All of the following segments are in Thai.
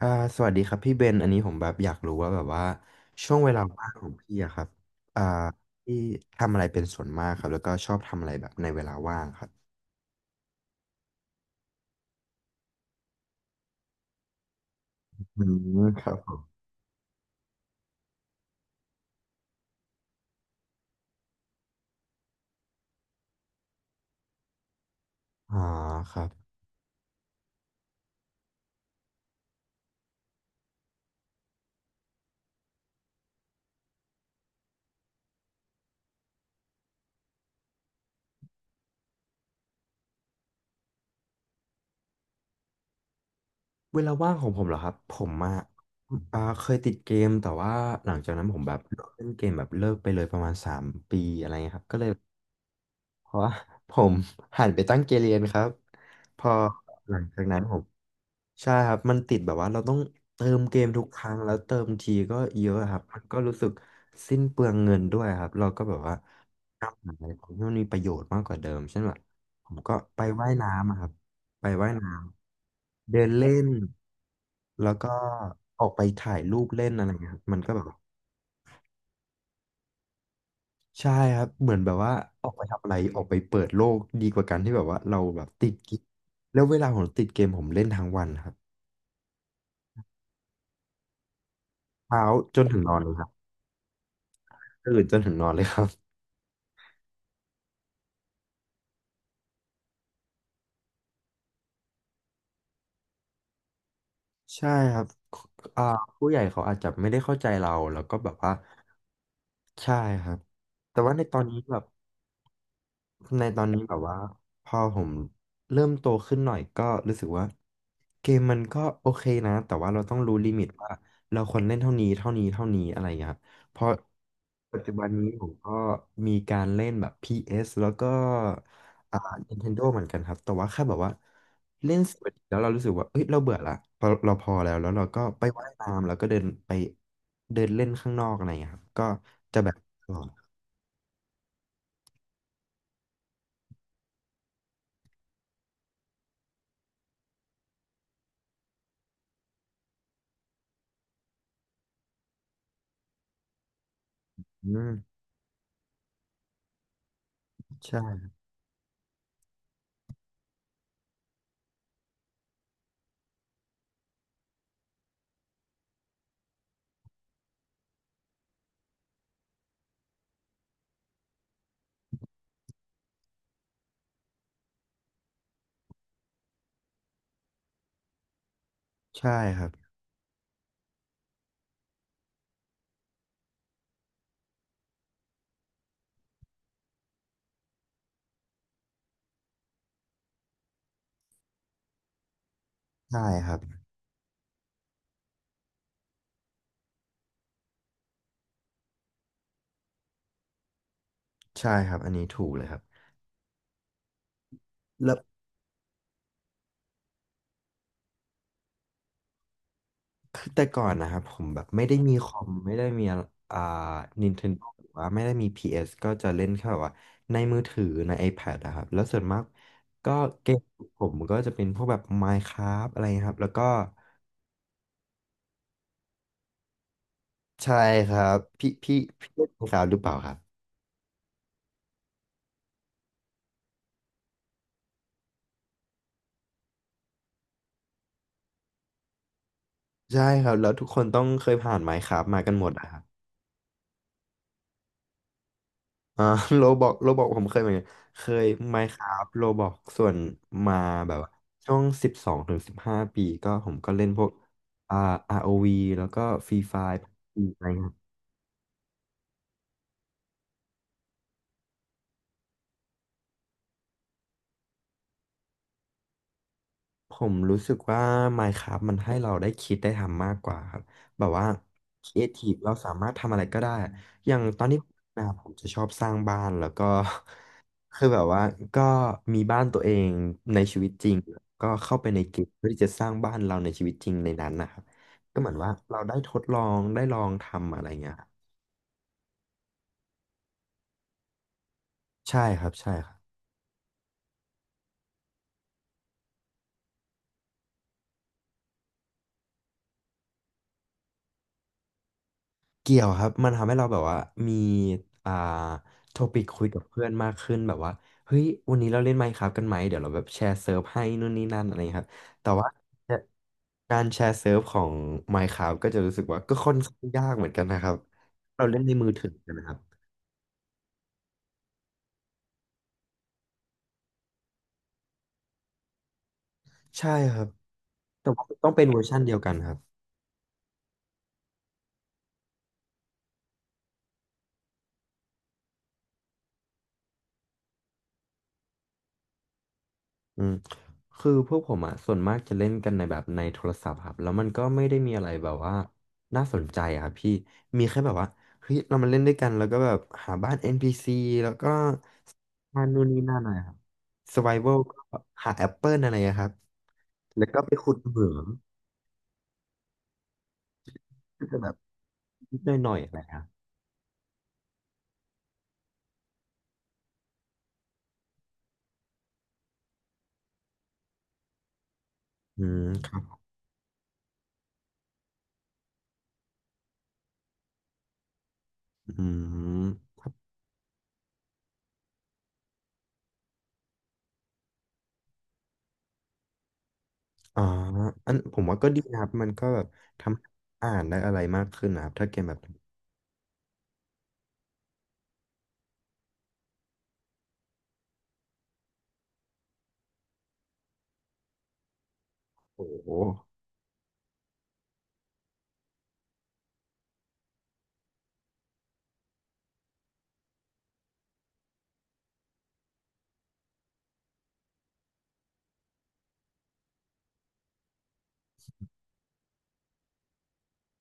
อ่าสวัสดีครับพี่เบนอันนี้ผมแบบอยากรู้ว่าแบบว่าช่วงเวลาว่างของพี่อะครับอ่าพี่ทำอะไรเป็นส่วนมากครับแล้วก็ชอบทำอะไรแบบในเวลาว่างครับอืมครับผมอ่าครับเวลาว่างของผมเหรอครับผมอะเคยติดเกมแต่ว่าหลังจากนั้นผมแบบเลกเล่นเกมแบบเลิกไปเลยประมาณสามปีอะไรเงี้ยครับก็เลยเพราะว่า ผมหันไปตั้งเกมเรียนครับพอหลังจากนั้นผม ใช่ครับมันติดแบบว่าเราต้องเติมเกมทุกครั้งแล้วเติมทีก็เยอะครับมันก็รู้สึกสิ้นเปลืองเงินด้วยครับเราก็แบบว่าทำอะไรของที่มันมีประโยชน์มากกว่าเดิมเช่นแบบผมก็ไปว่ายน้ำอะครับไปว่ายน้ำเดินเล่นแล้วก็ออกไปถ่ายรูปเล่นอะไรเงี้ยครับมันก็แบบว่าใช่ครับเหมือนแบบว่าออกไปทำอะไรออกไปเปิดโลกดีกว่าการที่แบบว่าเราแบบติดเกมแล้วเวลาผมติดเกมผมเล่นทั้งวันครับเช้าจนถึงนอนเลยครับ ตื่นจนถึงนอนเลยครับ ใช่ครับอ่าผู้ใหญ่เขาอาจจะไม่ได้เข้าใจเราแล้วก็แบบว่าใช่ครับแต่ว่าในตอนนี้แบบว่าพอผมเริ่มโตขึ้นหน่อยก็รู้สึกว่าเกมมันก็โอเคนะแต่ว่าเราต้องรู้ลิมิตว่าเราควรเล่นเท่านี้เท่านี้เท่านี้อะไรอย่างเงี้ยครับเพราะปัจจุบันนี้ผมก็มีการเล่นแบบ p สแล้วก็อ่า Nintendo เหมือนกันครับแต่ว่าแค่แบบว่าเล่นสิบนาทีแล้วเรารู้สึกว่าเอ้ยเราเบื่อละพอเราพอแล้วแล้วเราก็ไปว่ายน้ำแล้วก็เดินไปเดินเล่นข้างนอกอะไรอย่างเงี้ยครับก็จะแบบตลอดอืมใช่ใช่ครับใช่ครับ ใช่ครับอันนี้ถูกเลยครับแล้วคือแต่ก่อนนะครับผมแบบไม่ได้มีคอมไม่ได้มีอ่า Nintendo หรือว่าไม่ได้มี PS ก็จะเล่นแค่แบบว่าในมือถือใน iPad นะครับแล้วส่วนมากก็เกมผมก็จะเป็นพวกแบบ Minecraft อะไรครับแล้วก็ใช่ครับพี่พี่พี่เล่น Minecraft หรือเปล่าครับใช่ครับแล้วทุกคนต้องเคยผ่าน Minecraft มากันหมดอะครับ อ่า โรบอกโรบอกผมเคยเหมือนกันเคยไมน์คราฟโรบอกส่วนมาแบบว่าช่วงสิบสองถึงสิบห้าปีก็ผมก็เล่นพวกอ่า ROV แล้วก็ฟรีไฟร์อะไร ผมรู้สึกว่า Minecraft มันให้เราได้คิดได้ทำมากกว่าครับแบบว่าครีเอทีฟเราสามารถทำอะไรก็ได้อย่างตอนนี้นะครับผมจะชอบสร้างบ้านแล้วก็ คือแบบว่าก็มีบ้านตัวเองในชีวิตจริงก็เข้าไปในเกมเพื่อที่จะสร้างบ้านเราในชีวิตจริงในนั้นนะครับก็เหมือนว่าเราได้ทดลองได้ลองทำอะไรเงี้ยครับใช่ครับใช่ครับ เกี่ยวครับมันทำให้เราแบบว่ามีอ่าโทปิกคุยกับเพื่อนมากขึ้นแบบว่าเฮ้ยวันนี้เราเล่น Minecraft กันไหมเดี๋ยวเราแบบแชร์เซิร์ฟให้นู่นนี่นั่นอะไรอย่างเงี้ยครับแต่ว่าการแชร์เซิร์ฟของ Minecraft ก็จะรู้สึกว่าก็ค่อนข้างยากเหมือนกันนะครับเราเล่นในมือถือกันนะครับใช่ครับแต่ว่าต้องเป็นเวอร์ชันเดียวกันครับ อืมคือพวกผมอ่ะส่วนมากจะเล่นกันในแบบในโทรศัพท์ครับแล้วมันก็ไม่ได้มีอะไรแบบว่าน่าสนใจอะครับพี่มีแค่แบบว่าเฮ้ยเรามาเล่นด้วยกันแล้วก็แบบหาบ้าน NPC แล้วก็มานู่นนี่นั่นหน่อยครับ Survival ก็หาแอปเปิลอะไรอะครับแล้วก็ไปขุดเหมืองก็จะแบบนิดหน่อยๆอะไรครับอืมครับอืมอ่าอันผมว่าก็ดีนะครับมันก็แบบทำให้อ่านได้อะไรมากขึ้นนะครับถ้าเกมแบบโอ้โห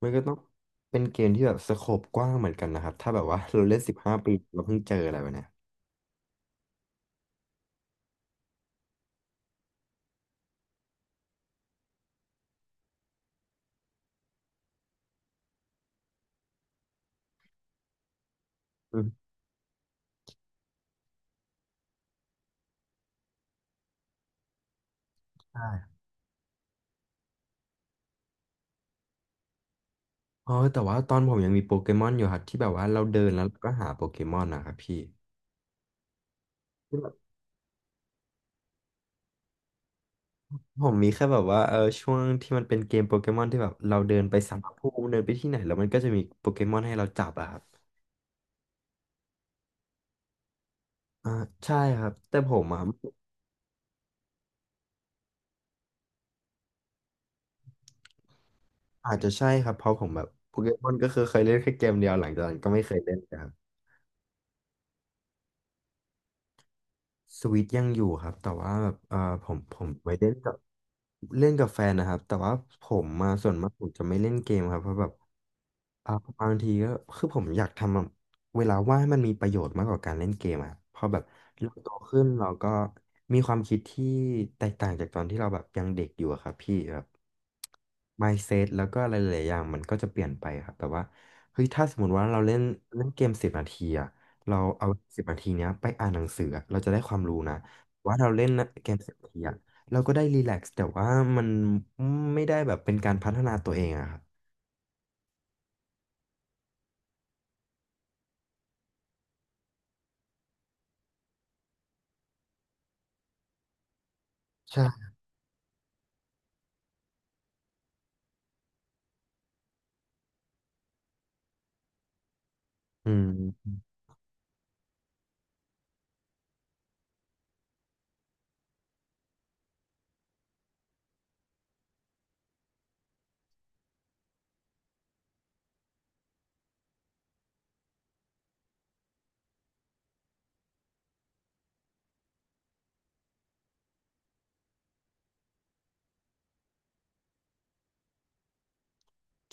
มันก็ต้องเป็นเกมที่แบบสโคปกว้างเหมือนกันนะครับถ้าแบบว่า เราเล่นสิบห้าปีเราเพิ่งเจออะไรแบบเนี้ยอืมใช่อ๋อแต่ว่าตอนผมยังมีโปเกมอนอยู่ครับที่แบบว่าเราเดินแล้วเราก็หาโปเกมอนนะครับพี่ที่แบบผมมีแค่แบบว่าเออช่วงที่มันเป็นเกมโปเกมอนที่แบบเราเดินไปสัมภภูมิเดินไปที่ไหนแล้วมันก็จะมีโปเกมอนให้เราจับอะครับอ่าใช่ครับแต่ผมอ่ะอาจจะใช่ครับเพราะผมแบบโปเกมอนก็คือเคยเล่นแค่เกมเดียวหลังจากนั้นก็ไม่เคยเล่นแล้ว สวิตยังอยู่ครับแต่ว่าแบบผมไว้เล่นกับเล่นกับแฟนนะครับแต่ว่าผมมาส่วนมากผมจะไม่เล่นเกมครับเพราะแบบอ่าบางทีก็คือผมอยากทำอะเวลาว่างให้มันมีประโยชน์มากกว่าการเล่นเกมอะเพราะแบบเราโตขึ้นเราก็มีความคิดที่แตกต่างจากตอนที่เราแบบยังเด็กอยู่อะครับพี่แบบ mindset แล้วก็อะไรหลายๆอย่างมันก็จะเปลี่ยนไปครับแต่ว่าเฮ้ยถ้าสมมติว่าเราเล่นเล่นเกมสิบนาทีอะ เราเอาสิบนาทีเนี้ยไปอ่านหนังสืออะเราจะได้ความรู้นะว่าเราเล่นเกมสิบนาทีอะเราก็ได้รีแลกซ์แต่ว่ามันไม่ได้แบบเป็นการพัฒนาตัวเองอะครับใช่อืม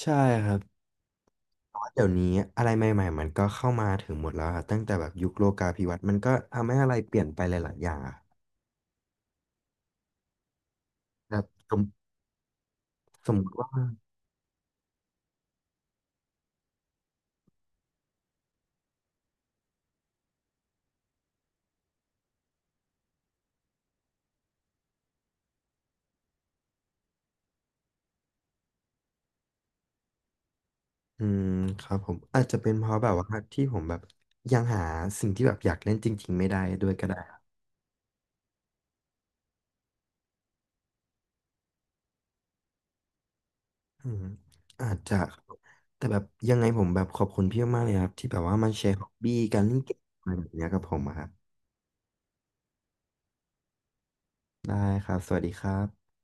ใช่ครับเพราะเดี๋ยวนี้อะไรใหม่ๆมันก็เข้ามาถึงหมดแล้วครับตั้งแต่แบบยุคโลกาภิวัตน์มันก็ทำให้อะไรเปลี่ยนไปหลายๆอย่างอะับบสมสมมติว่าอืมครับผมอาจจะเป็นเพราะแบบว่าที่ผมแบบยังหาสิ่งที่แบบอยากเล่นจริงๆไม่ได้ด้วยก็ได้ อืมอาจจะครับแต่แบบยังไงผมแบบขอบคุณพี่มากๆเลยครับที่แบบว่ามาแชร์ฮอบบี้การเล่นเกมอะไรแบบเนี้ยกับผมอะครับได้ครับสวัสดีครับ